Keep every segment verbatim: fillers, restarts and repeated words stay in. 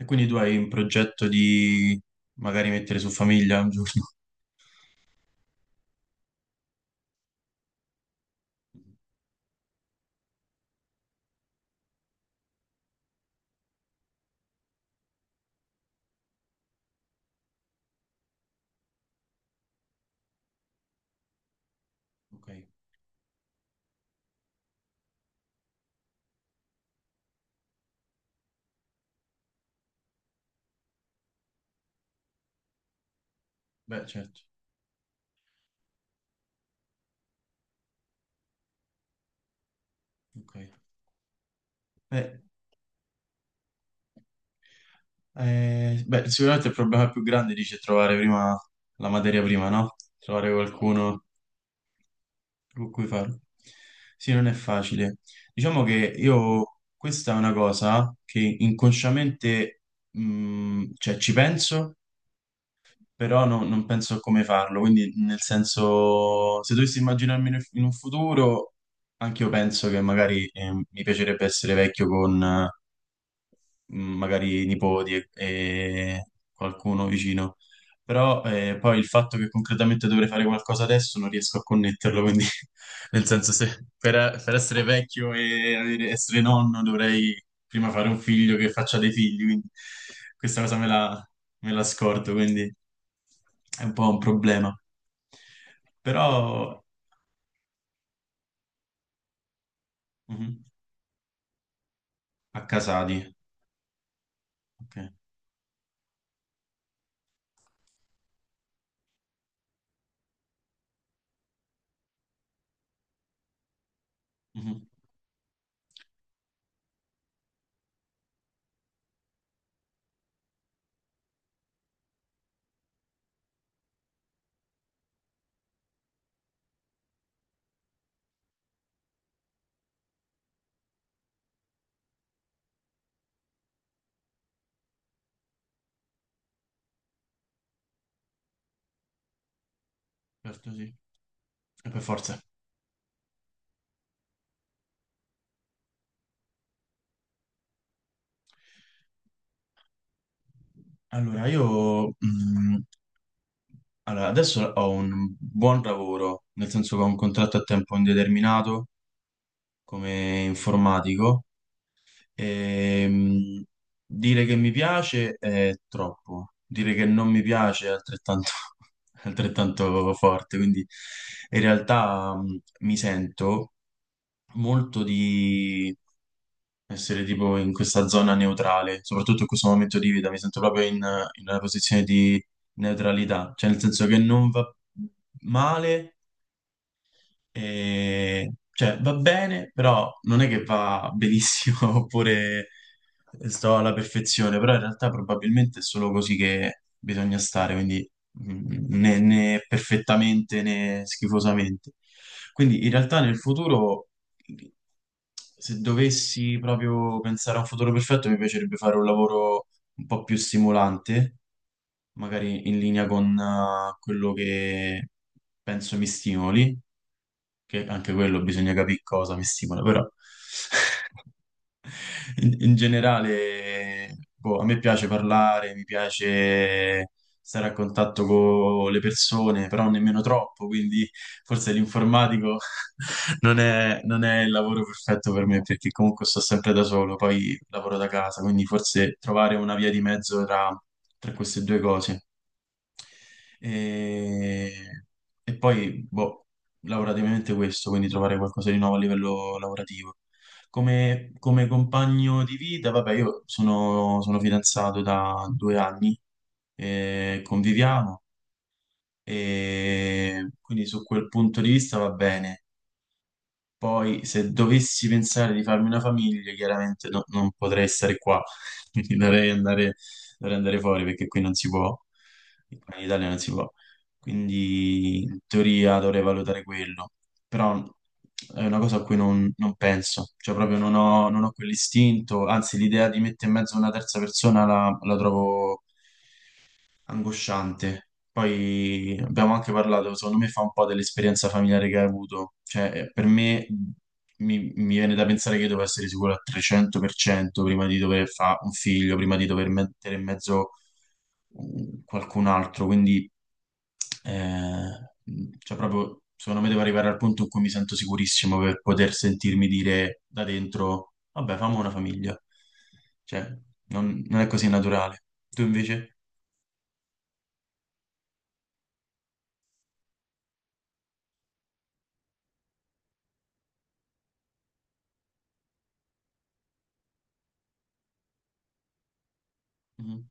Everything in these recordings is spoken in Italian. E quindi tu hai un progetto di magari mettere su famiglia un giorno? Ok, beh, certo. Ok. Eh, eh, beh, sicuramente il problema più grande dice trovare prima la materia prima, no? Trovare qualcuno con cui farlo. Sì, non è facile. Diciamo che io, questa è una cosa che inconsciamente, mh, cioè ci penso, però no- non penso a come farlo, quindi nel senso, se dovessi immaginarmi in un in un futuro, anche io penso che magari eh, mi piacerebbe essere vecchio con, mh, magari nipoti e, e qualcuno vicino. Però eh, poi il fatto che concretamente dovrei fare qualcosa adesso non riesco a connetterlo, quindi nel senso se per, per essere vecchio e avere- essere nonno dovrei prima fare un figlio che faccia dei figli, quindi questa cosa me la, me la scordo, quindi è un po' un problema. Però mhm, a Casati, ok. Mhm, certo, sì. E per forza. Allora, io mh, allora, adesso ho un buon lavoro, nel senso che ho un contratto a tempo indeterminato come informatico e mh, dire che mi piace è troppo, dire che non mi piace è altrettanto, altrettanto forte, quindi in realtà mh, mi sento molto di essere tipo in questa zona neutrale, soprattutto in questo momento di vita, mi sento proprio in, in una posizione di neutralità, cioè nel senso che non va male, e, cioè, va bene, però non è che va benissimo oppure sto alla perfezione, però in realtà probabilmente è solo così che bisogna stare, quindi mm, né, né perfettamente né schifosamente. Quindi in realtà nel futuro, se dovessi proprio pensare a un futuro perfetto, mi piacerebbe fare un lavoro un po' più stimolante, magari in linea con eh, quello che penso mi stimoli, che anche quello bisogna capire cosa mi stimola, però in, in generale, boh, a me piace parlare, mi piace stare a contatto con le persone, però nemmeno troppo, quindi forse l'informatico non è, non è il lavoro perfetto per me, perché comunque sto sempre da solo, poi lavoro da casa, quindi forse trovare una via di mezzo tra tra queste due cose. E, e poi, boh, lavorativamente questo, quindi trovare qualcosa di nuovo a livello lavorativo. Come, come compagno di vita, vabbè, io sono, sono fidanzato da due anni, e conviviamo, e quindi su quel punto di vista va bene. Poi, se dovessi pensare di farmi una famiglia, chiaramente no- non potrei stare qua, quindi dovrei andare, dovrei andare fuori perché qui non si può, qua in Italia non si può. Quindi, in teoria, dovrei valutare quello. Però è una cosa a cui non, non penso, cioè proprio non ho, non ho quell'istinto, anzi l'idea di mettere in mezzo una terza persona la, la trovo angosciante. Poi abbiamo anche parlato, secondo me fa un po' dell'esperienza familiare che hai avuto. Cioè, eh, per me mi, mi viene da pensare che io devo essere sicuro al trecento per cento prima di dover fare un figlio, prima di dover mettere in mezzo mm, qualcun altro. Quindi, eh, cioè proprio, secondo me devo arrivare al punto in cui mi sento sicurissimo per poter sentirmi dire da dentro, vabbè, famo una famiglia. Cioè, non non è così naturale. Tu invece? Mhm.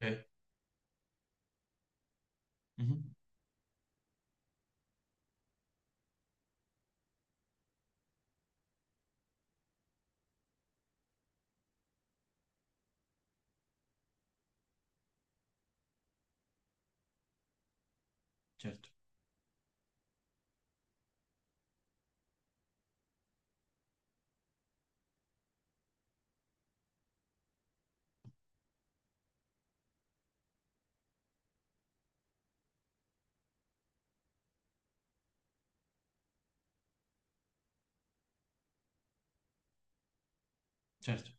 Eh, mhm, certo, certo,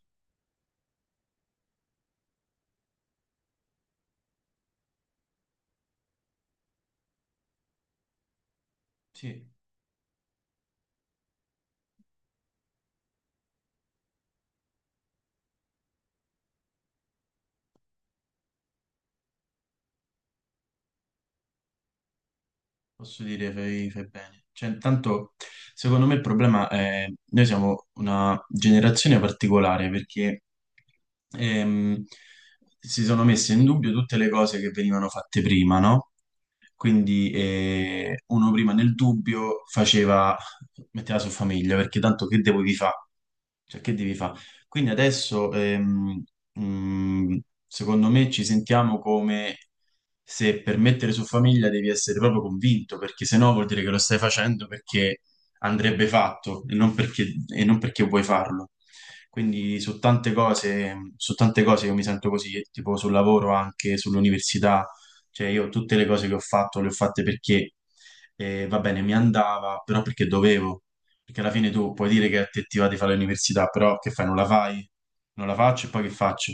sì, posso dire fai, fai bene. Cioè, intanto, secondo me il problema è: noi siamo una generazione particolare perché ehm, si sono messe in dubbio tutte le cose che venivano fatte prima, no? Quindi eh, uno prima nel dubbio faceva, metteva su famiglia, perché tanto che devo vi fa? Cioè, che devi fare? Quindi adesso, ehm, mm, secondo me, ci sentiamo come se per mettere su famiglia devi essere proprio convinto, perché se no vuol dire che lo stai facendo perché andrebbe fatto e non perché, e non perché vuoi farlo. Quindi su tante cose, su tante cose io mi sento così, tipo sul lavoro, anche sull'università, cioè io tutte le cose che ho fatto le ho fatte perché, eh, va bene, mi andava, però perché dovevo. Perché alla fine tu puoi dire che a te ti va di fare l'università, però che fai? Non la fai? Non la faccio e poi che faccio?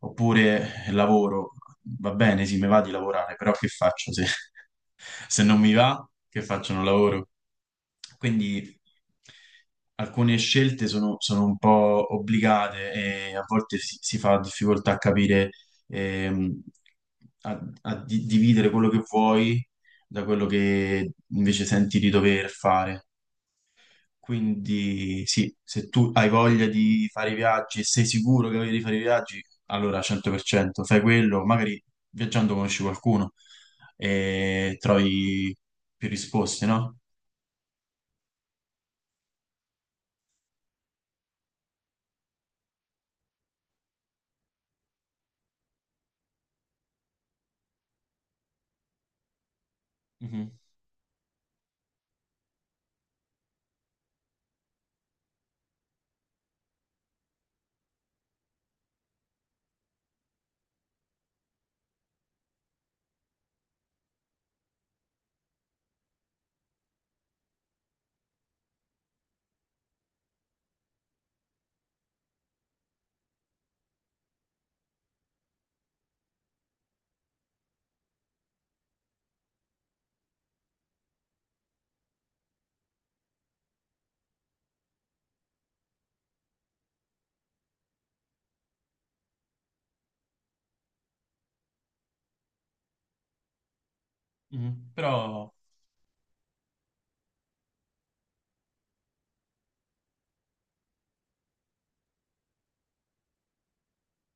Oppure eh, lavoro, va bene, sì, mi va di lavorare, però che faccio? Se, se non mi va, che faccio? Non lavoro. Quindi alcune scelte sono, sono un po' obbligate e a volte si, si fa difficoltà a capire, ehm, a, a di- dividere quello che vuoi da quello che invece senti di dover fare. Quindi sì, se tu hai voglia di fare i viaggi e sei sicuro che hai voglia di fare i viaggi, allora cento per cento fai quello, magari viaggiando conosci qualcuno e trovi più risposte, no? Mhm, mhm. Però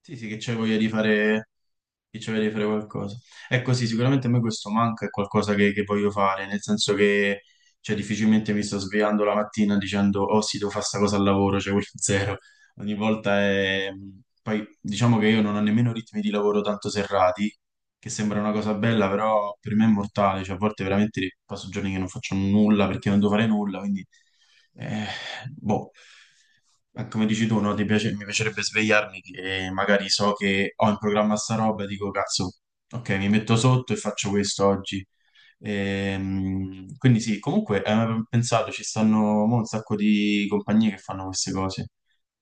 sì, sì, che c'hai voglia di fare, che c'hai voglia di fare qualcosa. Ecco, sì, sicuramente a me questo manca, è qualcosa che, che voglio fare, nel senso che cioè, difficilmente mi sto svegliando la mattina dicendo, oh sì, devo fare sta cosa al lavoro, cioè quello è zero. Ogni volta è... Poi diciamo che io non ho nemmeno ritmi di lavoro tanto serrati, che sembra una cosa bella, però per me è mortale, cioè a volte veramente passo giorni che non faccio nulla perché non devo fare nulla, quindi eh, boh, ma come dici tu, no? Ti piace- mi piacerebbe svegliarmi che magari so che ho in programma sta roba e dico cazzo, ok, mi metto sotto e faccio questo oggi. Ehm, quindi sì, comunque hai mai pensato, ci stanno mo un sacco di compagnie che fanno queste cose,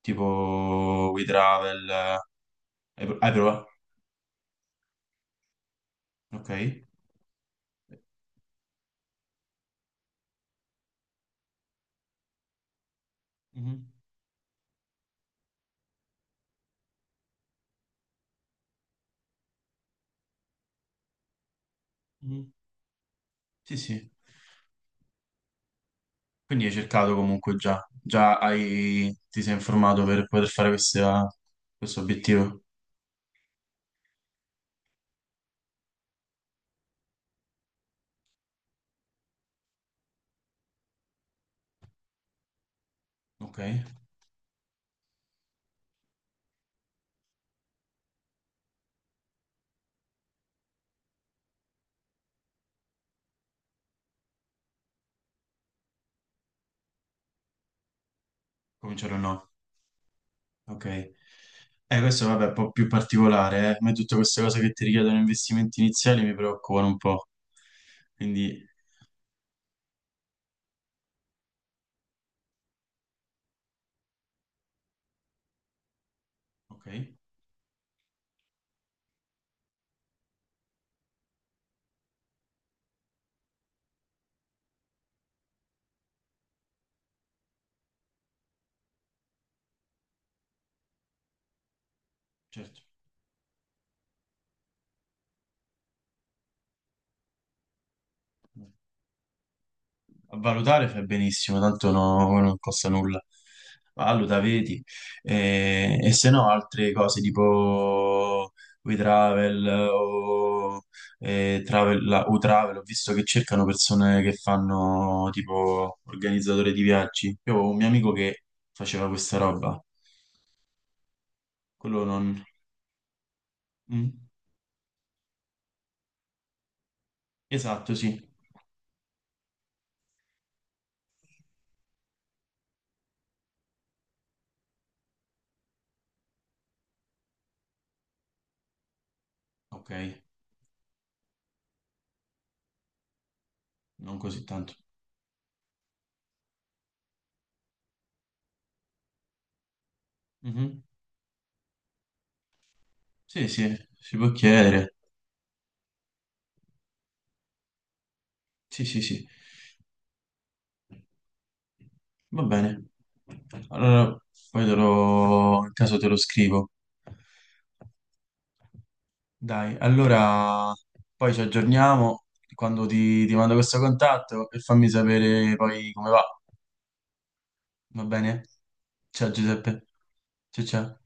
tipo WeTravel, eh, hai, pro- hai provato? Ok. Mhm, mhm. Sì, sì. Quindi hai cercato comunque già, già hai- ti sei informato per poter fare questa- questo obiettivo. Ok, cominciare o no? Ok. Eh, questo vabbè è un po' più particolare, eh. A me tutte queste cose che ti richiedono investimenti iniziali mi preoccupano un po'. Quindi, ok, certo. A valutare fai benissimo, tanto no- non costa nulla. Valuta, vedi. E, e se no, altre cose tipo WeTravel o eh, Travel, la- UTravel, ho visto che cercano persone che fanno tipo organizzatore di viaggi. Io avevo un mio amico che faceva questa roba. Quello non... Mm. Esatto, sì. Ok, non così tanto. Mhm. Sì, sì, si può chiedere. Sì, sì, sì. Va bene. Allora, poi te lo, in caso te lo scrivo. Dai, allora poi ci aggiorniamo quando ti, ti mando questo contatto e fammi sapere poi come va. Va bene? Ciao Giuseppe. Ciao ciao.